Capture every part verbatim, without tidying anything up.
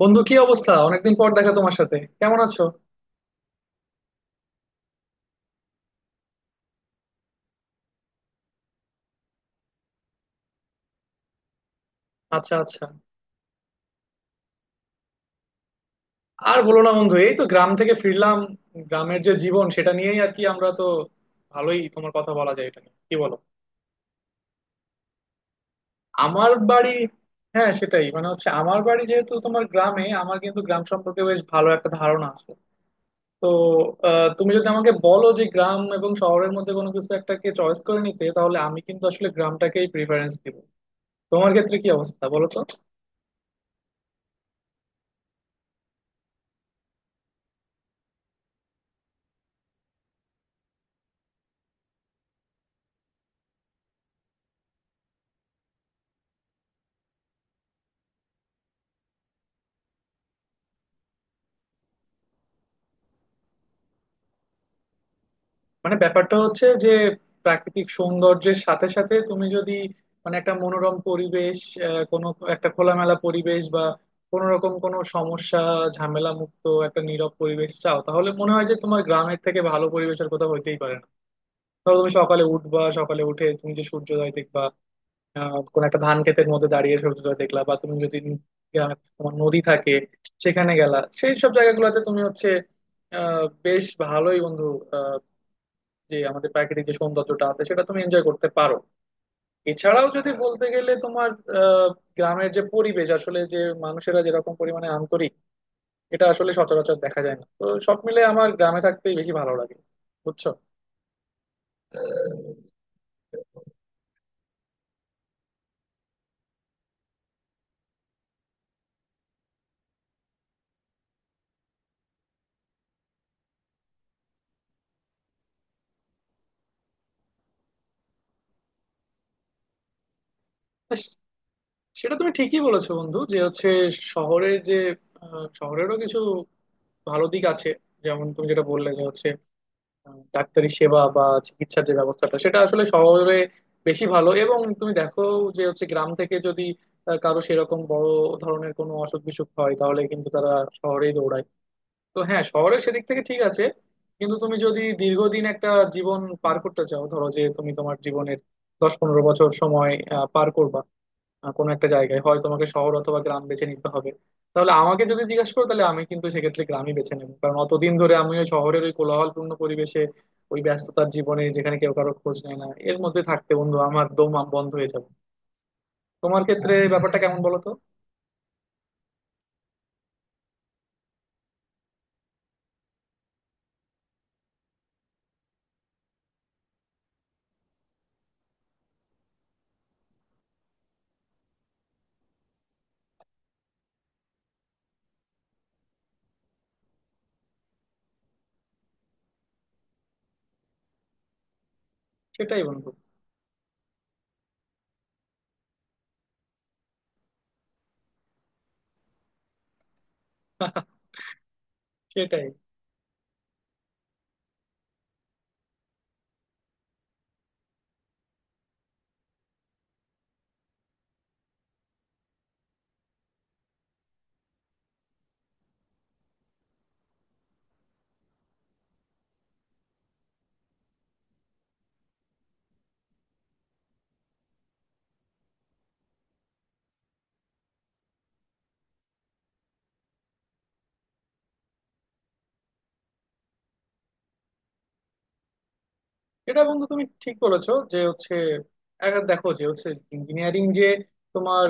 বন্ধু, কি অবস্থা? অনেকদিন পর দেখা তোমার সাথে। কেমন আছো? আচ্ছা আচ্ছা। আর বলো না বন্ধু, এই তো গ্রাম থেকে ফিরলাম। গ্রামের যে জীবন, সেটা নিয়েই আর কি আমরা তো ভালোই তোমার কথা বলা যায়, এটা নিয়ে কি বলো? আমার বাড়ি, হ্যাঁ সেটাই, মানে হচ্ছে আমার বাড়ি যেহেতু তোমার গ্রামে, আমার কিন্তু গ্রাম সম্পর্কে বেশ ভালো একটা ধারণা আছে। তো আহ, তুমি যদি আমাকে বলো যে গ্রাম এবং শহরের মধ্যে কোনো কিছু একটাকে চয়েস করে নিতে, তাহলে আমি কিন্তু আসলে গ্রামটাকেই প্রিফারেন্স দিব। তোমার ক্ষেত্রে কি অবস্থা বলো তো? মানে ব্যাপারটা হচ্ছে যে, প্রাকৃতিক সৌন্দর্যের সাথে সাথে তুমি যদি, মানে একটা মনোরম পরিবেশ, আহ, কোনো একটা খোলামেলা পরিবেশ বা কোনো রকম কোনো সমস্যা, ঝামেলা মুক্ত একটা নীরব পরিবেশ চাও, তাহলে মনে হয় যে তোমার গ্রামের থেকে ভালো পরিবেশ আর কোথাও হইতেই পারে না। ধরো তুমি সকালে উঠবা, সকালে উঠে তুমি যে সূর্যোদয় দেখবা, আহ কোনো একটা ধান ক্ষেতের মধ্যে দাঁড়িয়ে সূর্যোদয় দেখলা, বা তুমি যদি গ্রামে তোমার নদী থাকে সেখানে গেলা, সেই সব জায়গাগুলোতে তুমি হচ্ছে আহ বেশ ভালোই বন্ধু, যে আমাদের প্রাকৃতিক যে সৌন্দর্যটা আছে সেটা তুমি এনজয় করতে পারো। এছাড়াও যদি বলতে গেলে তোমার আহ, গ্রামের যে পরিবেশ, আসলে যে মানুষেরা যেরকম পরিমাণে আন্তরিক, এটা আসলে সচরাচর দেখা যায় না। তো সব মিলে আমার গ্রামে থাকতেই বেশি ভালো লাগে, বুঝছো? সেটা তুমি ঠিকই বলেছো বন্ধু, যে হচ্ছে শহরের যে, আহ, শহরেরও কিছু ভালো দিক আছে। যেমন তুমি যেটা বললে যে হচ্ছে ডাক্তারি সেবা বা চিকিৎসার যে ব্যবস্থাটা, সেটা আসলে শহরে বেশি ভালো। এবং তুমি দেখো যে হচ্ছে গ্রাম থেকে যদি আহ, কারো সেরকম বড় ধরনের কোনো অসুখ বিসুখ হয়, তাহলে কিন্তু তারা শহরেই দৌড়ায়। তো হ্যাঁ, শহরে সেদিক থেকে ঠিক আছে। কিন্তু তুমি যদি দীর্ঘদিন একটা জীবন পার করতে চাও, ধরো যে তুমি তোমার জীবনের দশ পনেরো বছর সময় আহ, পার করবা, আহ, কোনো একটা জায়গায় হয় তোমাকে শহর অথবা গ্রাম বেছে নিতে হবে, তাহলে আমাকে যদি জিজ্ঞাসা করো, তাহলে আমি কিন্তু সেক্ষেত্রে গ্রামই বেছে নেবো। কারণ অতদিন ধরে আমি ওই শহরের ওই কোলাহলপূর্ণ পরিবেশে, ওই ব্যস্ততার জীবনে যেখানে কেউ কারো খোঁজ নেয় না, এর মধ্যে থাকতে বন্ধু আমার দম আম- বন্ধ হয়ে যাবে। তোমার ক্ষেত্রে ব্যাপারটা কেমন বলো তো? সেটাই বন্ধু। সেটাই। এটা বন্ধু তুমি ঠিক বলেছো যে হচ্ছে, একবার দেখো যে হচ্ছে ইঞ্জিনিয়ারিং যে তোমার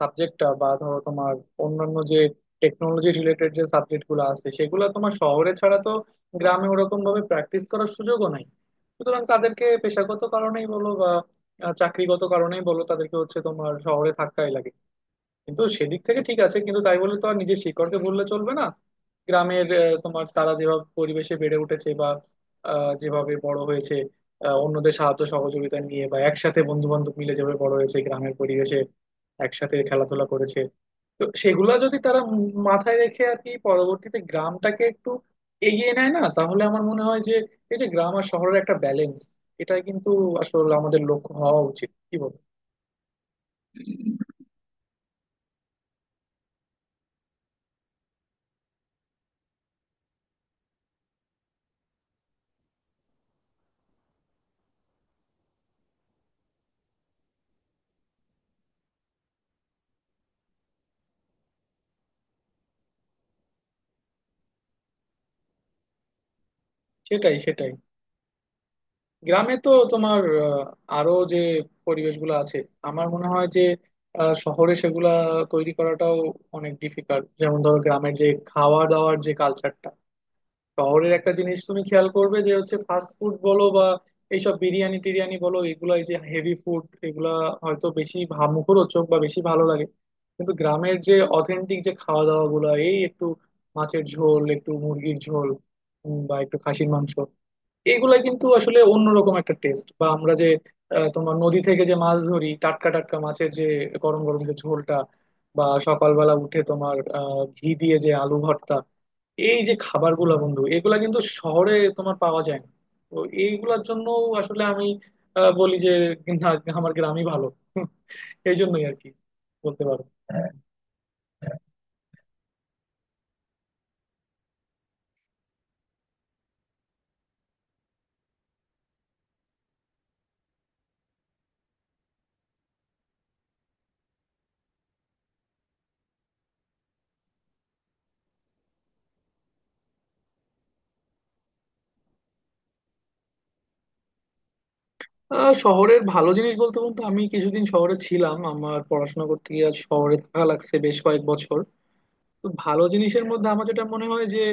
সাবজেক্টটা, বা ধরো তোমার অন্যান্য যে টেকনোলজি রিলেটেড যে সাবজেক্ট গুলো আছে, সেগুলো তোমার শহরে ছাড়া তো গ্রামে ওরকম ভাবে প্র্যাকটিস করার সুযোগও নাই। সুতরাং তাদেরকে পেশাগত কারণেই বলো বা আহ, চাকরিগত কারণেই বলো, তাদেরকে হচ্ছে তোমার শহরে থাকতেই লাগে। কিন্তু সেদিক থেকে ঠিক আছে, কিন্তু তাই বলে তো আর নিজের শিকড়কে ভুললে চলবে না। গ্রামের আহ, তোমার তারা যেভাবে পরিবেশে বেড়ে উঠেছে, বা আহ, যেভাবে বড় হয়েছে, আহ, অন্যদের সাহায্য সহযোগিতা নিয়ে বা একসাথে বন্ধু বান্ধব মিলে যেভাবে বড় হয়েছে গ্রামের পরিবেশে, একসাথে খেলাধুলা করেছে, তো সেগুলা যদি তারা উম মাথায় রেখে আর কি পরবর্তীতে গ্রামটাকে একটু এগিয়ে নেয় না, তাহলে আমার মনে হয় যে এই যে গ্রাম আর শহরের একটা ব্যালেন্স, এটাই কিন্তু আসলে আমাদের লক্ষ্য হওয়া উচিত, কি বল? সেটাই সেটাই। গ্রামে তো তোমার আহ, আরো যে পরিবেশগুলো আছে, আমার মনে হয় যে আহ, শহরে সেগুলা তৈরি করাটাও অনেক ডিফিকাল্ট। যেমন ধরো গ্রামের যে খাওয়া দাওয়ার যে কালচারটা, শহরের একটা জিনিস তুমি খেয়াল করবে যে হচ্ছে ফাস্ট ফুড বলো বা এইসব বিরিয়ানি টিরিয়ানি বলো, এগুলা এই যে হেভি ফুড, এগুলা হয়তো বেশি ভা- মুখরোচক বা বেশি ভালো লাগে। কিন্তু গ্রামের যে অথেন্টিক যে খাওয়া দাওয়া গুলা, এই একটু মাছের ঝোল, একটু মুরগির ঝোল, উম, বা একটু খাসির মাংস, এইগুলা কিন্তু আসলে অন্যরকম একটা টেস্ট। বা আমরা যে আহ, তোমার নদী থেকে যে মাছ ধরি, টাটকা টাটকা মাছের যে গরম গরম যে ঝোলটা, বা সকালবেলা উঠে তোমার আহ, ঘি দিয়ে যে আলু ভর্তা, এই যে খাবারগুলা বন্ধু, এগুলা কিন্তু শহরে তোমার পাওয়া যায় না। তো এইগুলার জন্য আসলে আমি আহ, বলি যে না, আমার গ্রামই ভালো। এই জন্যই আর কি বলতে পারো। হ্যাঁ, হ্যাঁ। আহ, শহরের ভালো জিনিস বলতে বলতে, আমি কিছুদিন শহরে ছিলাম আমার পড়াশোনা করতে গিয়ে, আর শহরে থাকা লাগছে বেশ কয়েক বছর। তো ভালো জিনিসের মধ্যে আমার যেটা মনে হয় যে,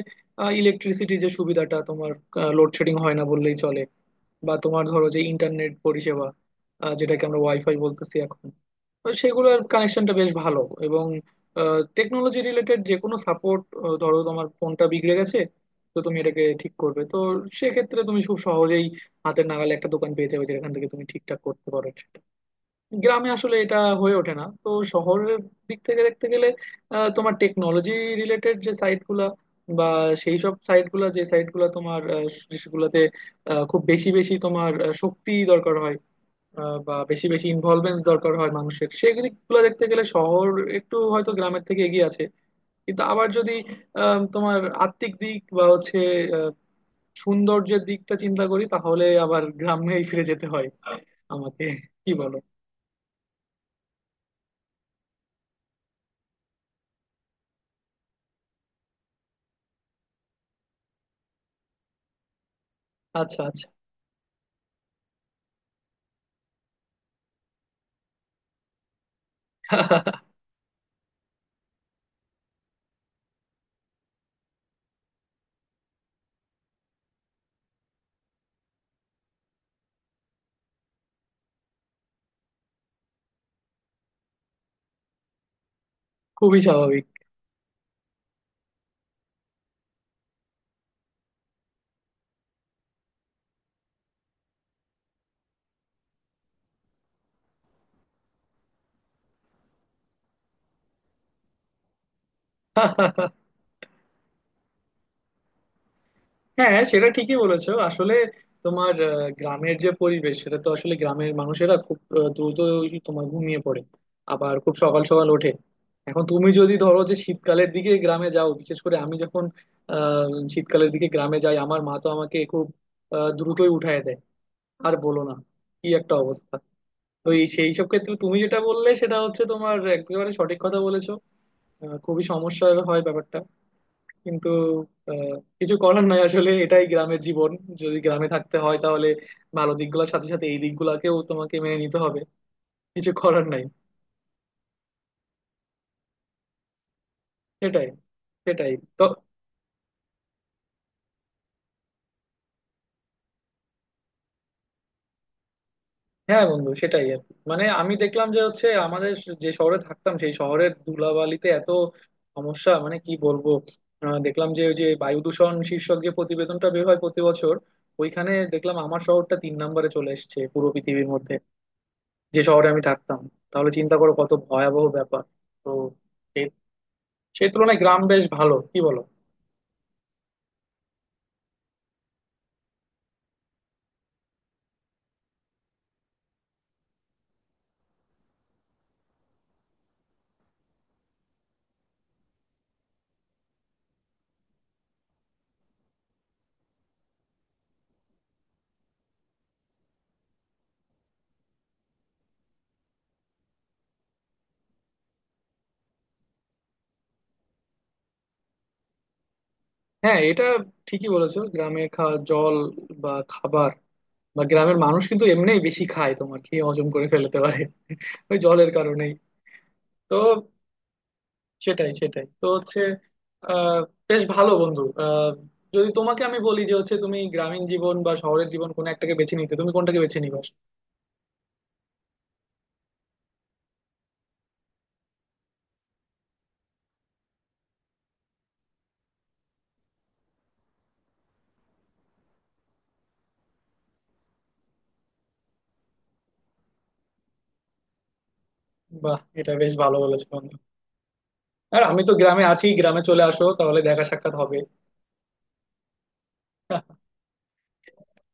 ইলেকট্রিসিটি যে সুবিধাটা তোমার, লোডশেডিং হয় না বললেই চলে। বা তোমার ধরো যে ইন্টারনেট পরিষেবা, আহ, যেটাকে আমরা ওয়াইফাই বলতেছি এখন, তো সেগুলোর কানেকশনটা বেশ ভালো। এবং টেকনোলজি রিলেটেড যে কোনো সাপোর্ট, ধরো তোমার ফোনটা বিগড়ে গেছে, তো তুমি এটাকে ঠিক করবে তো, সেক্ষেত্রে তুমি খুব সহজেই হাতের নাগালে একটা দোকান পেয়ে যাবে যেখান থেকে তুমি ঠিকঠাক করতে পারো। গ্রামে আসলে এটা হয়ে ওঠে না। তো শহরের দিক থেকে দেখতে গেলে আহ, তোমার টেকনোলজি রিলেটেড যে সাইটগুলা, বা সেই সব সাইটগুলা, যে সাইটগুলা তোমার আহ, দেশগুলাতে আহ, খুব বেশি বেশি তোমার আহ, শক্তি দরকার হয়, আহ, বা বেশি বেশি ইনভলভমেন্ট দরকার হয় মানুষের, সেই দিকগুলো দেখতে গেলে শহর একটু হয়তো গ্রামের থেকে এগিয়ে আছে। কিন্তু আবার যদি আহ, তোমার আত্মিক দিক বা হচ্ছে আহ, সৌন্দর্যের দিকটা চিন্তা করি, তাহলে আবার গ্রামেই ফিরে যেতে হয় আমাকে, কি বলো? আচ্ছা আচ্ছা। খুবই স্বাভাবিক। হ্যাঁ সেটা ঠিকই বলেছো আসলে। তোমার আহ, গ্রামের যে পরিবেশ, সেটা তো আসলে গ্রামের মানুষেরা খুব আহ, দ্রুত ওই তোমার ঘুমিয়ে পড়ে, আবার খুব সকাল সকাল ওঠে। এখন তুমি যদি ধরো যে শীতকালের দিকে গ্রামে যাও, বিশেষ করে আমি যখন আহ শীতকালের দিকে গ্রামে যাই, আমার মা তো আমাকে খুব আহ, দ্রুতই উঠায় দেয়। আর বলো না, কি একটা অবস্থা। তো এই সেই সব ক্ষেত্রে তুমি যেটা বললে সেটা হচ্ছে তোমার একেবারে সঠিক কথা বলেছো। আহ, খুবই সমস্যা হয় ব্যাপারটা, কিন্তু আহ, কিছু করার নাই। আসলে এটাই গ্রামের জীবন, যদি গ্রামে থাকতে হয় তাহলে ভালো দিকগুলোর সাথে সাথে এই দিকগুলাকেও তোমাকে মেনে নিতে হবে, কিছু করার নাই। সেটাই সেটাই তো। হ্যাঁ বন্ধু, সেটাই আর কি। মানে আমি দেখলাম যে হচ্ছে আমাদের যে শহরে থাকতাম, সেই শহরের ধুলাবালিতে এত সমস্যা, মানে কি বলবো। আহ, দেখলাম যে ওই যে বায়ু দূষণ শীর্ষক যে প্রতিবেদনটা বের হয় প্রতি বছর, ওইখানে দেখলাম আমার শহরটা তিন নম্বরে চলে এসেছে পুরো পৃথিবীর মধ্যে, যে শহরে আমি থাকতাম। তাহলে চিন্তা করো কত ভয়াবহ ব্যাপার। তো সে- সেই তুলনায় গ্রাম বেশ ভালো, কি বলো? হ্যাঁ এটা ঠিকই বলেছো। গ্রামে খাওয়া জল বা খাবার, বা গ্রামের মানুষ কিন্তু এমনিই বেশি খায়, তোমার খেয়ে হজম করে ফেলতে পারে। ওই জলের কারণেই। তো সেটাই সেটাই তো হচ্ছে। আহ বেশ ভালো বন্ধু, আহ যদি তোমাকে আমি বলি যে হচ্ছে তুমি গ্রামীণ জীবন বা শহরের জীবন কোন একটাকে বেছে নিতে, তুমি কোনটাকে বেছে নিবা? বাহ, এটা বেশ ভালো বলেছো বন্ধু। আর আমি তো গ্রামে আছি, গ্রামে চলে আসো তাহলে দেখা সাক্ষাৎ হবে।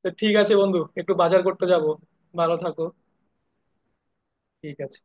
তো ঠিক আছে বন্ধু, একটু বাজার করতে যাব। ভালো থাকো। ঠিক আছে।